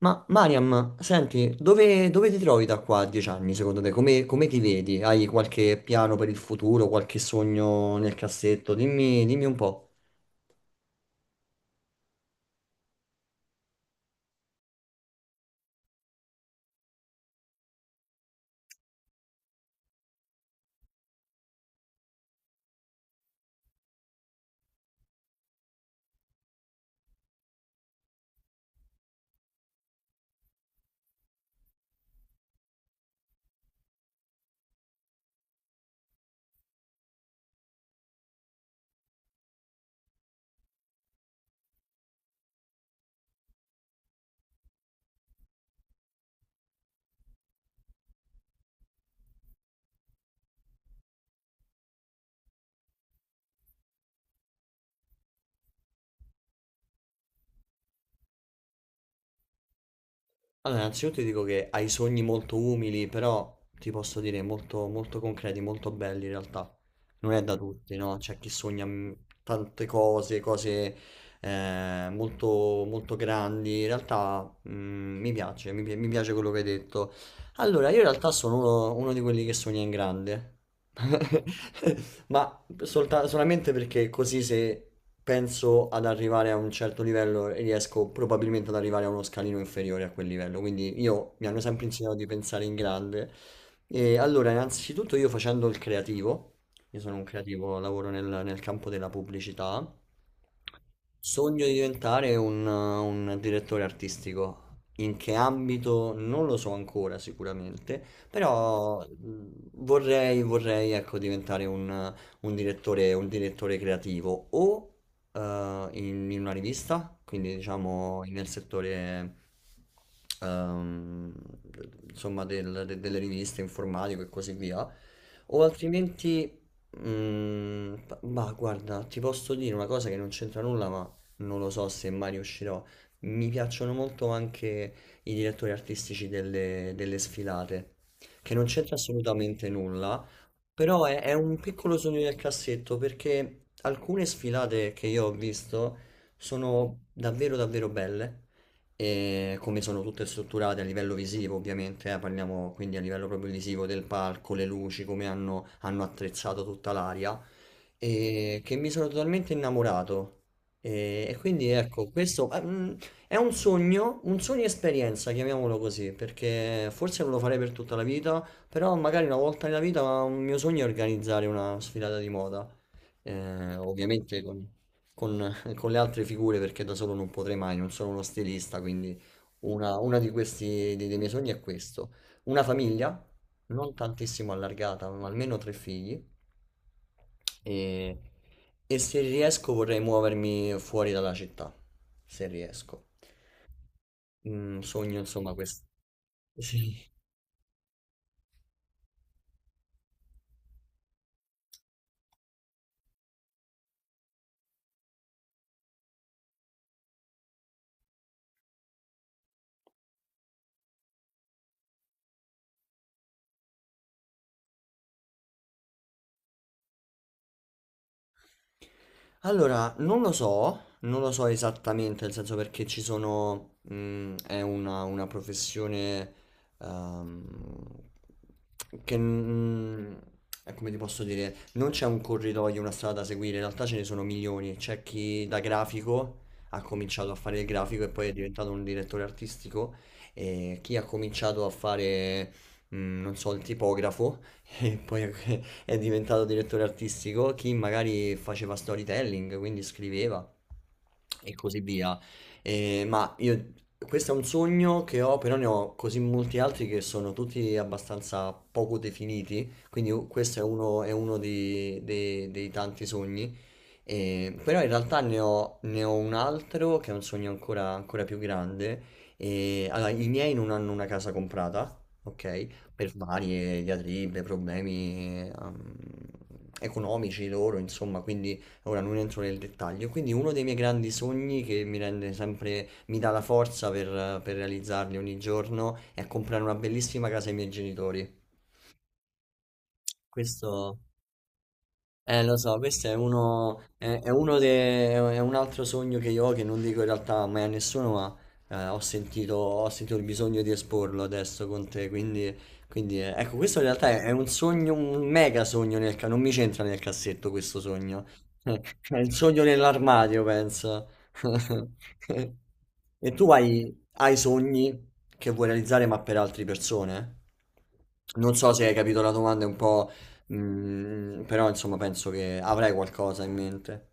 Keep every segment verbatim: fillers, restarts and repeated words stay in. Ma Mariam, senti, dove, dove ti trovi da qua a dieci anni secondo te? Come, come ti vedi? Hai qualche piano per il futuro, qualche sogno nel cassetto? Dimmi, dimmi un po'. Allora, innanzitutto ti dico che hai sogni molto umili, però ti posso dire molto, molto concreti, molto belli in realtà. Non è da tutti, no? C'è chi sogna mm, tante cose, cose eh, molto, molto grandi. In realtà mm, mi piace, mi, pi- mi piace quello che hai detto. Allora, io in realtà sono uno, uno di quelli che sogna in grande. Ma solta- solamente perché così se penso ad arrivare a un certo livello riesco probabilmente ad arrivare a uno scalino inferiore a quel livello. Quindi io mi hanno sempre insegnato di pensare in grande. E allora, innanzitutto io facendo il creativo, io sono un creativo, lavoro nel, nel campo della pubblicità, sogno di diventare un, un direttore artistico. In che ambito non lo so ancora sicuramente, però mh, vorrei, vorrei ecco, diventare un, un direttore, un direttore creativo o eh, in, in una rivista, quindi diciamo nel settore ehm, insomma del- de- delle riviste informatico e così via, o altrimenti, mm, ma guarda, ti posso dire una cosa che non c'entra nulla, ma non lo so se mai riuscirò. Mi piacciono molto anche i direttori artistici delle delle sfilate che non c'entra assolutamente nulla, però è, è un piccolo sogno nel cassetto perché alcune sfilate che io ho visto sono davvero davvero belle, e come sono tutte strutturate a livello visivo ovviamente, eh, parliamo quindi a livello proprio visivo del palco, le luci, come hanno, hanno attrezzato tutta l'aria, e che mi sono totalmente innamorato. E, e quindi ecco, questo eh, mm, è un sogno, un sogno esperienza, chiamiamolo così, perché forse non lo farei per tutta la vita, però magari una volta nella vita un mio sogno è organizzare una sfilata di moda, eh, ovviamente con, con- con le altre figure perché da solo non potrei mai, non sono uno stilista, quindi una, una di questi, dei, dei miei sogni è questo. Una famiglia, non tantissimo allargata, ma almeno tre figli e, e se riesco vorrei muovermi fuori dalla città, se riesco. Mm, sogno insomma questo. Sì. Allora, non lo so, non lo so esattamente, nel senso perché ci sono, mh, è una, una professione ehm, che, mm, eh, come ti posso dire, non c'è un corridoio, una strada da seguire, in realtà ce ne sono milioni. C'è chi da grafico ha cominciato a fare il grafico e poi è diventato un direttore artistico, e chi ha cominciato a fare, mm, non so, il tipografo e poi è diventato direttore artistico, chi magari faceva storytelling, quindi scriveva e così via. Eh, ma io, questo è un sogno che ho, però ne ho così molti altri che sono tutti abbastanza poco definiti, quindi u- questo è uno, è uno di- dei, dei tanti sogni eh, però in realtà ne ho, ne ho un altro che è un sogno ancora, ancora più grande. E, allora, i miei non hanno una casa comprata, ok? Per varie diatribe, problemi ehm, economici loro, insomma, quindi ora non entro nel dettaglio. Quindi uno dei miei grandi sogni che mi rende sempre, mi dà la forza per, per realizzarli ogni giorno è comprare una bellissima casa ai miei genitori. Questo... Eh, lo so, questo è uno, è, è uno de- è un altro sogno che io ho, che non dico in realtà mai a nessuno, ma eh, ho sentito, ho sentito il bisogno di esporlo adesso con te, quindi, quindi, eh, ecco, questo in realtà è, è un sogno, un mega sogno, nel ca- non mi c'entra nel cassetto questo sogno, è il sogno nell'armadio, penso. E tu hai, hai sogni che vuoi realizzare, ma per altre persone? Non so se hai capito la domanda, è un po'. Mm, però insomma penso che avrei qualcosa in mente.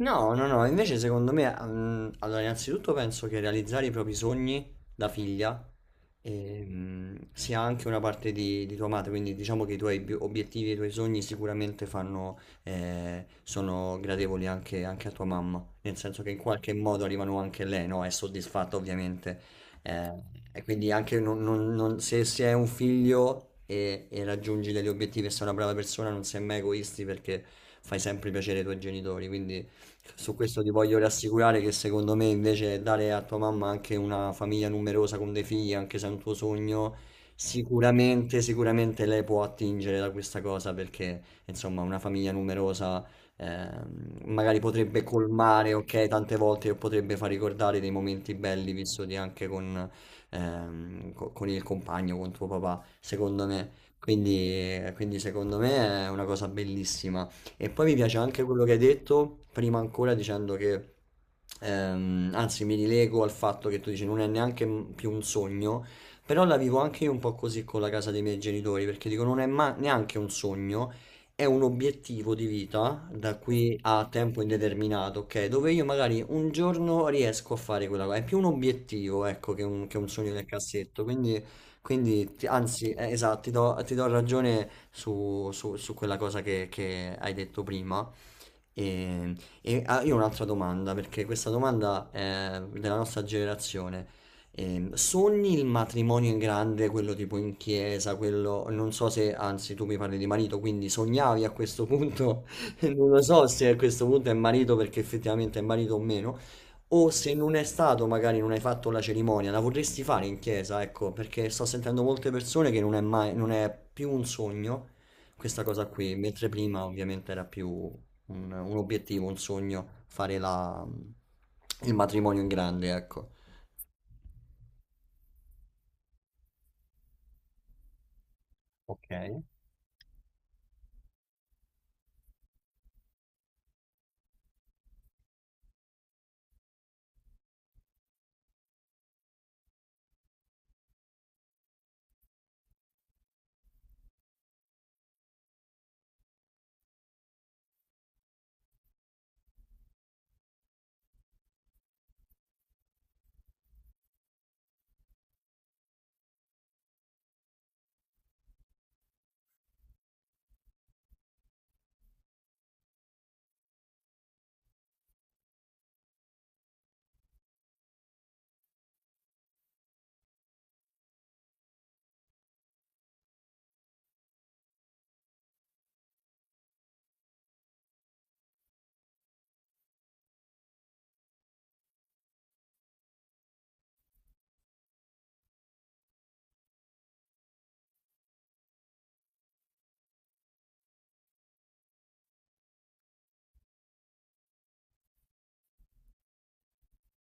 No, no, no, invece secondo me, mm, allora innanzitutto penso che realizzare i propri sogni da figlia ehm, sia anche una parte di, di tua madre, quindi diciamo che i tuoi bi- obiettivi e i tuoi sogni sicuramente fanno, eh, sono gradevoli anche, anche a tua mamma, nel senso che in qualche modo arrivano anche a lei, no? È soddisfatta ovviamente. Eh, e quindi anche non- non- non- se, se hai un figlio e, e raggiungi degli obiettivi e sei una brava persona, non sei mai egoisti perché fai sempre piacere ai tuoi genitori, quindi... Su questo ti voglio rassicurare che secondo me invece dare a tua mamma anche una famiglia numerosa con dei figli, anche se è un tuo sogno, sicuramente, sicuramente lei può attingere da questa cosa perché insomma una famiglia numerosa ehm, magari potrebbe colmare, ok, tante volte o potrebbe far ricordare dei momenti belli vissuti anche con, ehm, co- con il compagno, con tuo papà, secondo me. Quindi, quindi secondo me è una cosa bellissima. E poi mi piace anche quello che hai detto, prima ancora dicendo che, ehm, anzi mi rilego al fatto che tu dici non è neanche m- più un sogno, però la vivo anche io un po' così con la casa dei miei genitori, perché dico non è ma- neanche un sogno, è un obiettivo di vita da qui a tempo indeterminato, ok? Dove io magari un giorno riesco a fare quella cosa, è più un obiettivo, ecco, che un, che un sogno nel cassetto, quindi, quindi ti- anzi, eh, esatto, ti do ti do ragione su, su- su quella cosa che, che hai detto prima. E, e- ah, io ho un'altra domanda, perché questa domanda è della nostra generazione. Ehm, sogni il matrimonio in grande, quello tipo in chiesa, quello non so se, anzi, tu mi parli di marito, quindi sognavi a questo punto, non lo so se a questo punto è marito perché effettivamente è marito o meno, o se non è stato, magari non hai fatto la cerimonia, la vorresti fare in chiesa, ecco, perché sto sentendo molte persone che non è mai, non è più un sogno questa cosa qui, mentre prima ovviamente era più un, un obiettivo, un sogno, fare la- il matrimonio in grande, ecco. Ok,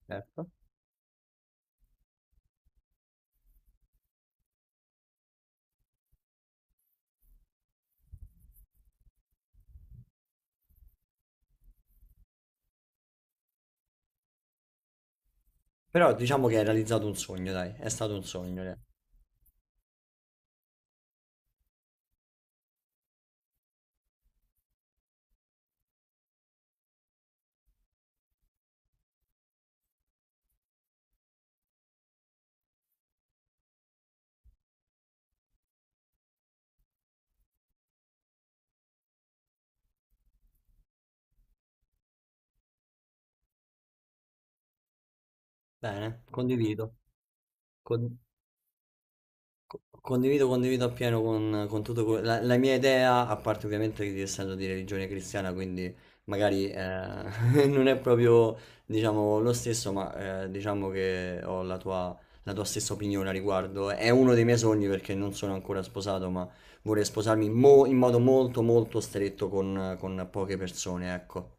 certo. Però diciamo che hai realizzato un sogno, dai, è stato un sogno, dai. Bene, condivido. Con- Co- Condivido, condivido appieno con, con tutto que- la, la mia idea, a parte ovviamente di essendo di religione cristiana, quindi magari eh, non è proprio diciamo, lo stesso, ma eh, diciamo che ho la tua, la tua stessa opinione a riguardo. È uno dei miei sogni perché non sono ancora sposato, ma vorrei sposarmi mo- in modo molto molto stretto con, con poche persone, ecco.